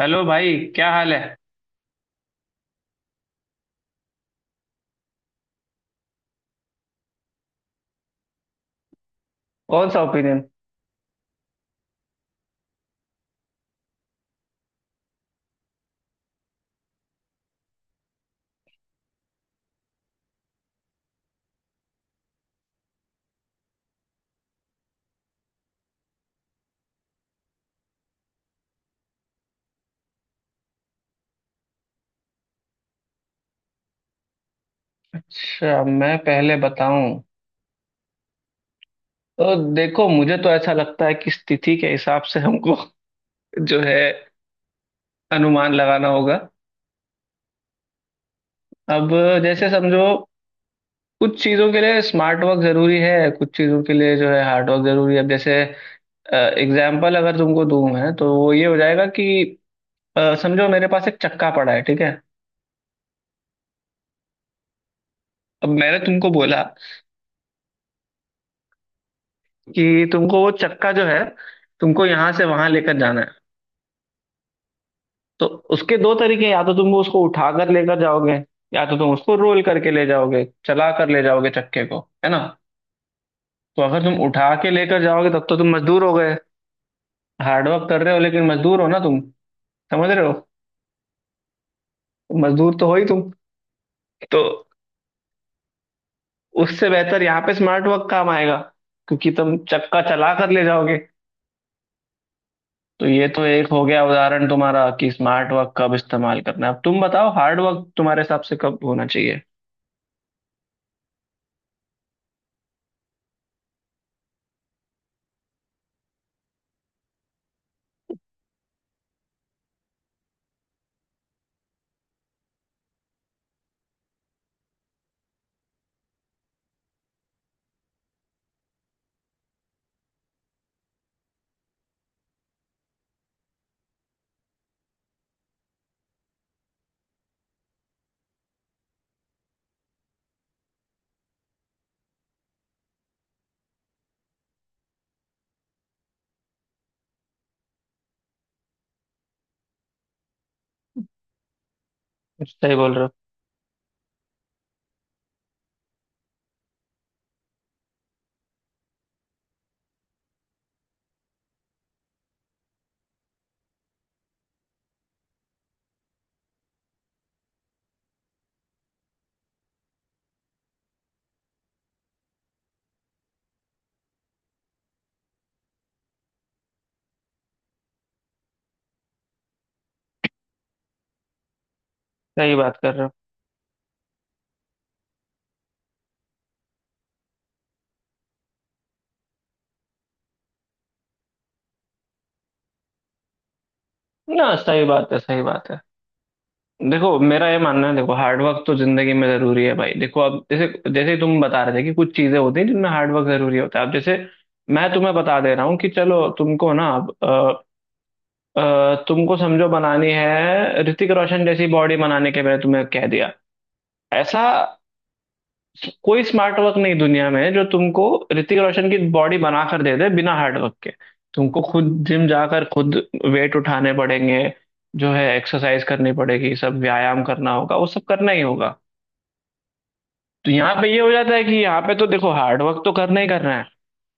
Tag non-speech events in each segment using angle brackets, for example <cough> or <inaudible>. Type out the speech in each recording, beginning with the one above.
Hello भाई, क्या हाल है। कौन सा ओपिनियन। अच्छा, मैं पहले बताऊं। तो देखो, मुझे तो ऐसा लगता है कि स्थिति के हिसाब से हमको <laughs> जो है, अनुमान लगाना होगा। अब जैसे समझो, कुछ चीजों के लिए स्मार्ट वर्क जरूरी है, कुछ चीजों के लिए जो है हार्ड वर्क जरूरी है। अब जैसे एग्जाम्पल अगर तुमको दूं मैं, तो वो ये हो जाएगा कि समझो मेरे पास एक चक्का पड़ा है, ठीक है। अब मैंने तुमको बोला कि तुमको वो चक्का जो है, तुमको यहाँ से वहां लेकर जाना है। तो उसके दो तरीके हैं, या तो तुम उसको उठा कर लेकर जाओगे, या तो तुम उसको रोल करके ले जाओगे, चला कर ले जाओगे चक्के को, है ना। तो अगर तुम उठा के लेकर जाओगे तब तो तुम मजदूर हो गए, हार्डवर्क कर रहे हो लेकिन मजदूर हो ना तुम, समझ रहे हो। मजदूर तो हो ही तुम। तो उससे बेहतर यहाँ पे स्मार्ट वर्क काम आएगा, क्योंकि तुम चक्का चला कर ले जाओगे। तो ये तो एक हो गया उदाहरण तुम्हारा कि स्मार्ट वर्क कब इस्तेमाल करना है। अब तुम बताओ हार्ड वर्क तुम्हारे हिसाब से कब होना चाहिए। सही बोल रहे हो। सही बात कर रहे हो ना। सही बात है, सही बात है। देखो, मेरा ये मानना है। देखो, हार्डवर्क तो जिंदगी में जरूरी है भाई। देखो, अब जैसे जैसे तुम बता रहे थे कि कुछ चीजें होती हैं जिनमें हार्डवर्क जरूरी होता है। अब जैसे मैं तुम्हें बता दे रहा हूँ कि चलो तुमको ना अब तुमको समझो बनानी है ऋतिक रोशन जैसी बॉडी, बनाने के मैंने तुम्हें कह दिया। ऐसा कोई स्मार्ट वर्क नहीं दुनिया में जो तुमको ऋतिक रोशन की बॉडी बना कर दे दे बिना हार्ड वर्क के। तुमको खुद जिम जाकर खुद वेट उठाने पड़ेंगे, जो है एक्सरसाइज करनी पड़ेगी, सब व्यायाम करना होगा, वो सब करना ही होगा। तो यहाँ पे ये हो जाता है कि यहाँ पे तो देखो, हार्ड वर्क तो करना ही करना है।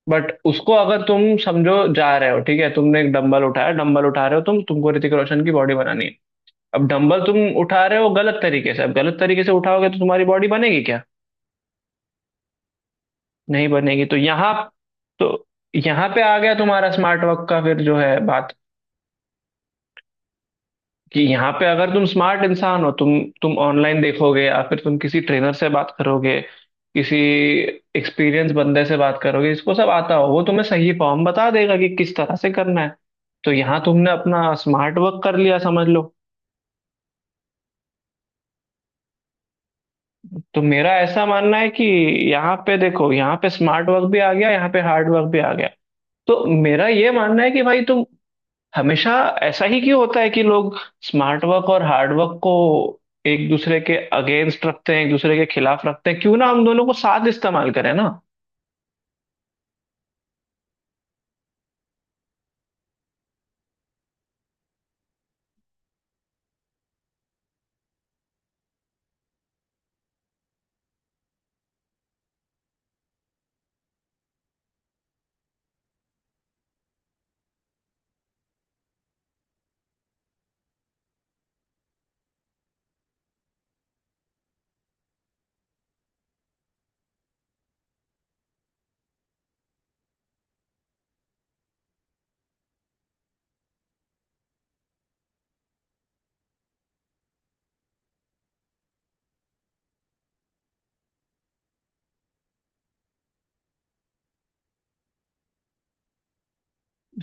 बट उसको अगर तुम समझो जा रहे हो, ठीक है, तुमने एक डंबल उठाया, डंबल उठा रहे हो तुम, तुमको ऋतिक रोशन की बॉडी बनानी है। अब डंबल तुम उठा रहे हो गलत तरीके से, अब गलत तरीके से उठाओगे तो तुम्हारी बॉडी बनेगी क्या? नहीं बनेगी। तो यहाँ, तो यहाँ पे आ गया तुम्हारा स्मार्ट वर्क का फिर जो है बात, कि यहाँ पे अगर तुम स्मार्ट इंसान हो, तुम ऑनलाइन देखोगे या फिर तुम किसी ट्रेनर से बात करोगे, किसी एक्सपीरियंस बंदे से बात करोगे, इसको सब आता हो, वो तुम्हें सही फॉर्म बता देगा कि किस तरह से करना है। तो यहाँ तुमने अपना स्मार्ट वर्क कर लिया, समझ लो। तो मेरा ऐसा मानना है कि यहाँ पे देखो, यहाँ पे स्मार्ट वर्क भी आ गया, यहाँ पे हार्ड वर्क भी आ गया। तो मेरा ये मानना है कि भाई तुम हमेशा, ऐसा ही क्यों होता है कि लोग स्मार्ट वर्क और हार्ड वर्क को एक दूसरे के अगेंस्ट रखते हैं, एक दूसरे के खिलाफ रखते हैं। क्यों ना हम दोनों को साथ इस्तेमाल करें ना।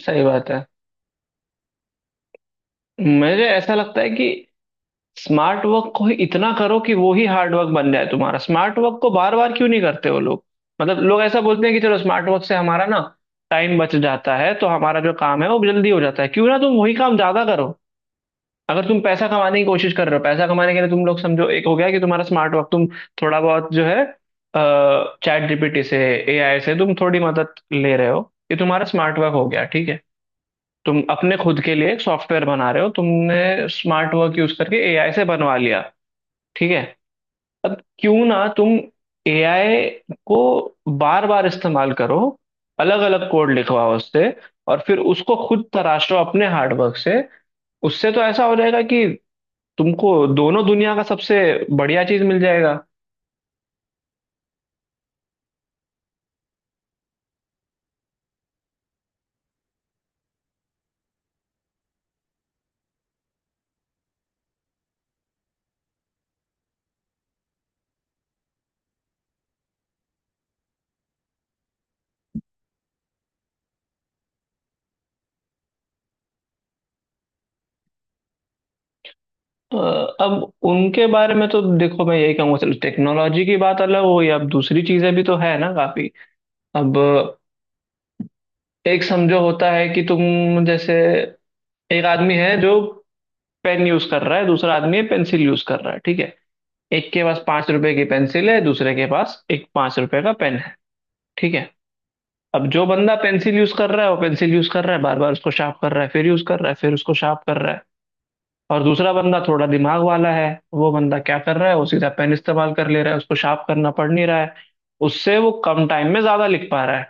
सही बात है। मुझे ऐसा लगता है कि स्मार्ट वर्क को ही इतना करो कि वो ही हार्ड वर्क बन जाए तुम्हारा। स्मार्ट वर्क को बार बार क्यों नहीं करते वो लोग। मतलब लोग ऐसा बोलते हैं कि चलो, स्मार्ट वर्क से हमारा ना टाइम बच जाता है, तो हमारा जो काम है वो जल्दी हो जाता है। क्यों ना तुम वही काम ज्यादा करो। अगर तुम पैसा कमाने की कोशिश कर रहे हो, पैसा कमाने के लिए तुम लोग समझो, एक हो गया कि तुम्हारा स्मार्ट वर्क, तुम थोड़ा बहुत जो है चैट जीपीटी से, एआई से तुम थोड़ी मदद ले रहे हो। ये तुम्हारा स्मार्ट वर्क हो गया, ठीक है। तुम अपने खुद के लिए एक सॉफ्टवेयर बना रहे हो, तुमने स्मार्ट वर्क यूज करके एआई से बनवा लिया, ठीक है। अब क्यों ना तुम एआई को बार बार इस्तेमाल करो, अलग अलग कोड लिखवाओ उससे, और फिर उसको खुद तराशो अपने हार्डवर्क से। उससे तो ऐसा हो जाएगा कि तुमको दोनों दुनिया का सबसे बढ़िया चीज मिल जाएगा। अब उनके बारे में तो देखो, मैं यही कहूंगा, चलो टेक्नोलॉजी की बात अलग हो गई, अब दूसरी चीजें भी तो है ना काफी। अब एक समझो होता है कि तुम जैसे, एक आदमी है जो पेन यूज कर रहा है, दूसरा आदमी है पेंसिल यूज कर रहा है, ठीक है। एक के पास 5 रुपए की पेंसिल है, दूसरे के पास एक 5 रुपए का पेन है, ठीक है। अब जो बंदा पेंसिल यूज कर रहा है, वो पेंसिल यूज कर रहा है, बार बार उसको शार्प कर रहा है, फिर यूज कर रहा है, फिर उसको शार्प कर रहा है। और दूसरा बंदा थोड़ा दिमाग वाला है। वो बंदा क्या कर रहा है? वो सीधा पेन इस्तेमाल कर ले रहा है, उसको शार्प करना पड़ नहीं रहा है। उससे वो कम टाइम में ज्यादा लिख पा रहा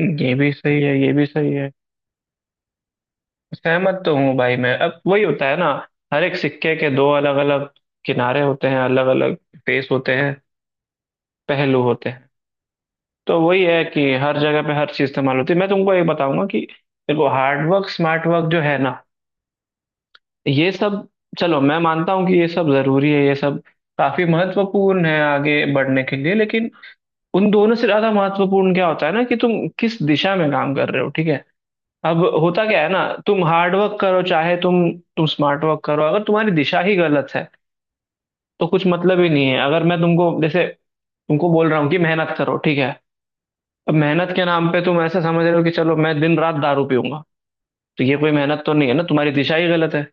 है। ये भी सही है, ये भी सही है। सहमत तो हूँ भाई मैं, अब वही होता है ना, हर एक सिक्के के दो अलग अलग किनारे होते हैं, अलग अलग फेस होते हैं, पहलू होते हैं। तो वही है कि हर जगह पे हर चीज इस्तेमाल होती है। मैं तुमको ये बताऊंगा कि देखो, हार्ड वर्क स्मार्ट वर्क जो है ना, ये सब, चलो मैं मानता हूँ कि ये सब जरूरी है, ये सब काफी महत्वपूर्ण है आगे बढ़ने के लिए, लेकिन उन दोनों से ज्यादा महत्वपूर्ण क्या होता है ना, कि तुम किस दिशा में काम कर रहे हो, ठीक है। अब होता क्या है ना, तुम हार्ड वर्क करो चाहे तुम स्मार्ट वर्क करो, अगर तुम्हारी दिशा ही गलत है तो कुछ मतलब ही नहीं है। अगर मैं तुमको जैसे तुमको बोल रहा हूँ कि मेहनत करो, ठीक है। अब मेहनत के नाम पे तुम ऐसा समझ रहे हो कि चलो मैं दिन रात दारू पीऊंगा, तो ये कोई मेहनत तो नहीं है ना, तुम्हारी दिशा ही गलत है।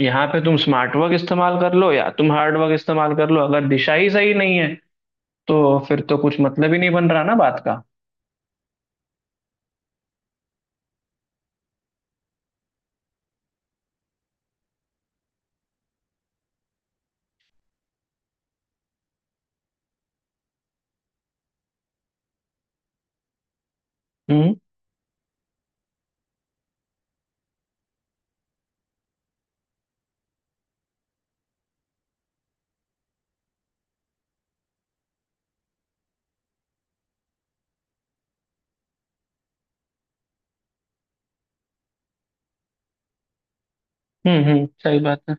यहाँ पे तुम स्मार्ट वर्क इस्तेमाल कर लो या तुम हार्ड वर्क इस्तेमाल कर लो, अगर दिशा ही सही नहीं है तो फिर तो कुछ मतलब ही नहीं बन रहा ना बात का। हम्म, हम्म, हम्म, सही बात है।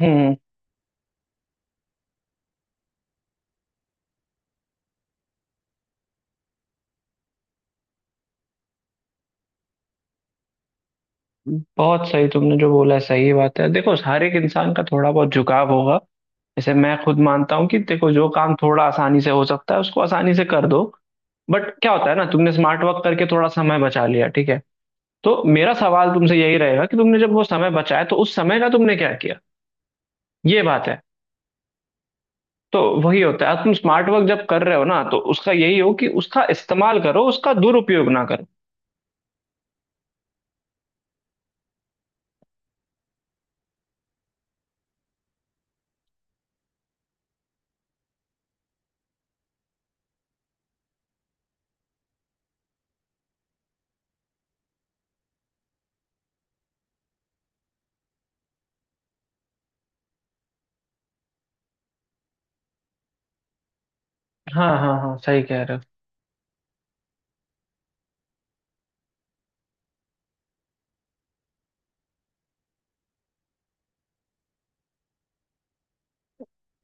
हम्म। बहुत सही तुमने जो बोला है, सही बात है। देखो, हर एक इंसान का थोड़ा बहुत झुकाव होगा। जैसे मैं खुद मानता हूँ कि देखो, जो काम थोड़ा आसानी से हो सकता है उसको आसानी से कर दो। बट क्या होता है ना, तुमने स्मार्ट वर्क करके थोड़ा समय बचा लिया, ठीक है। तो मेरा सवाल तुमसे यही रहेगा कि तुमने जब वो समय बचाया तो उस समय का तुमने क्या किया। ये बात है। तो वही होता है, तुम स्मार्ट वर्क जब कर रहे हो ना, तो उसका यही हो कि उसका इस्तेमाल करो, उसका दुरुपयोग ना करो। हाँ हाँ हाँ, सही कह रहे हो।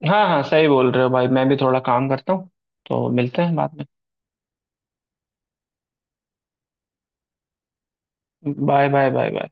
हाँ हाँ, सही बोल रहे हो भाई, मैं भी थोड़ा काम करता हूँ, तो मिलते हैं बाद में। हो, बाय बाय बाय बाय।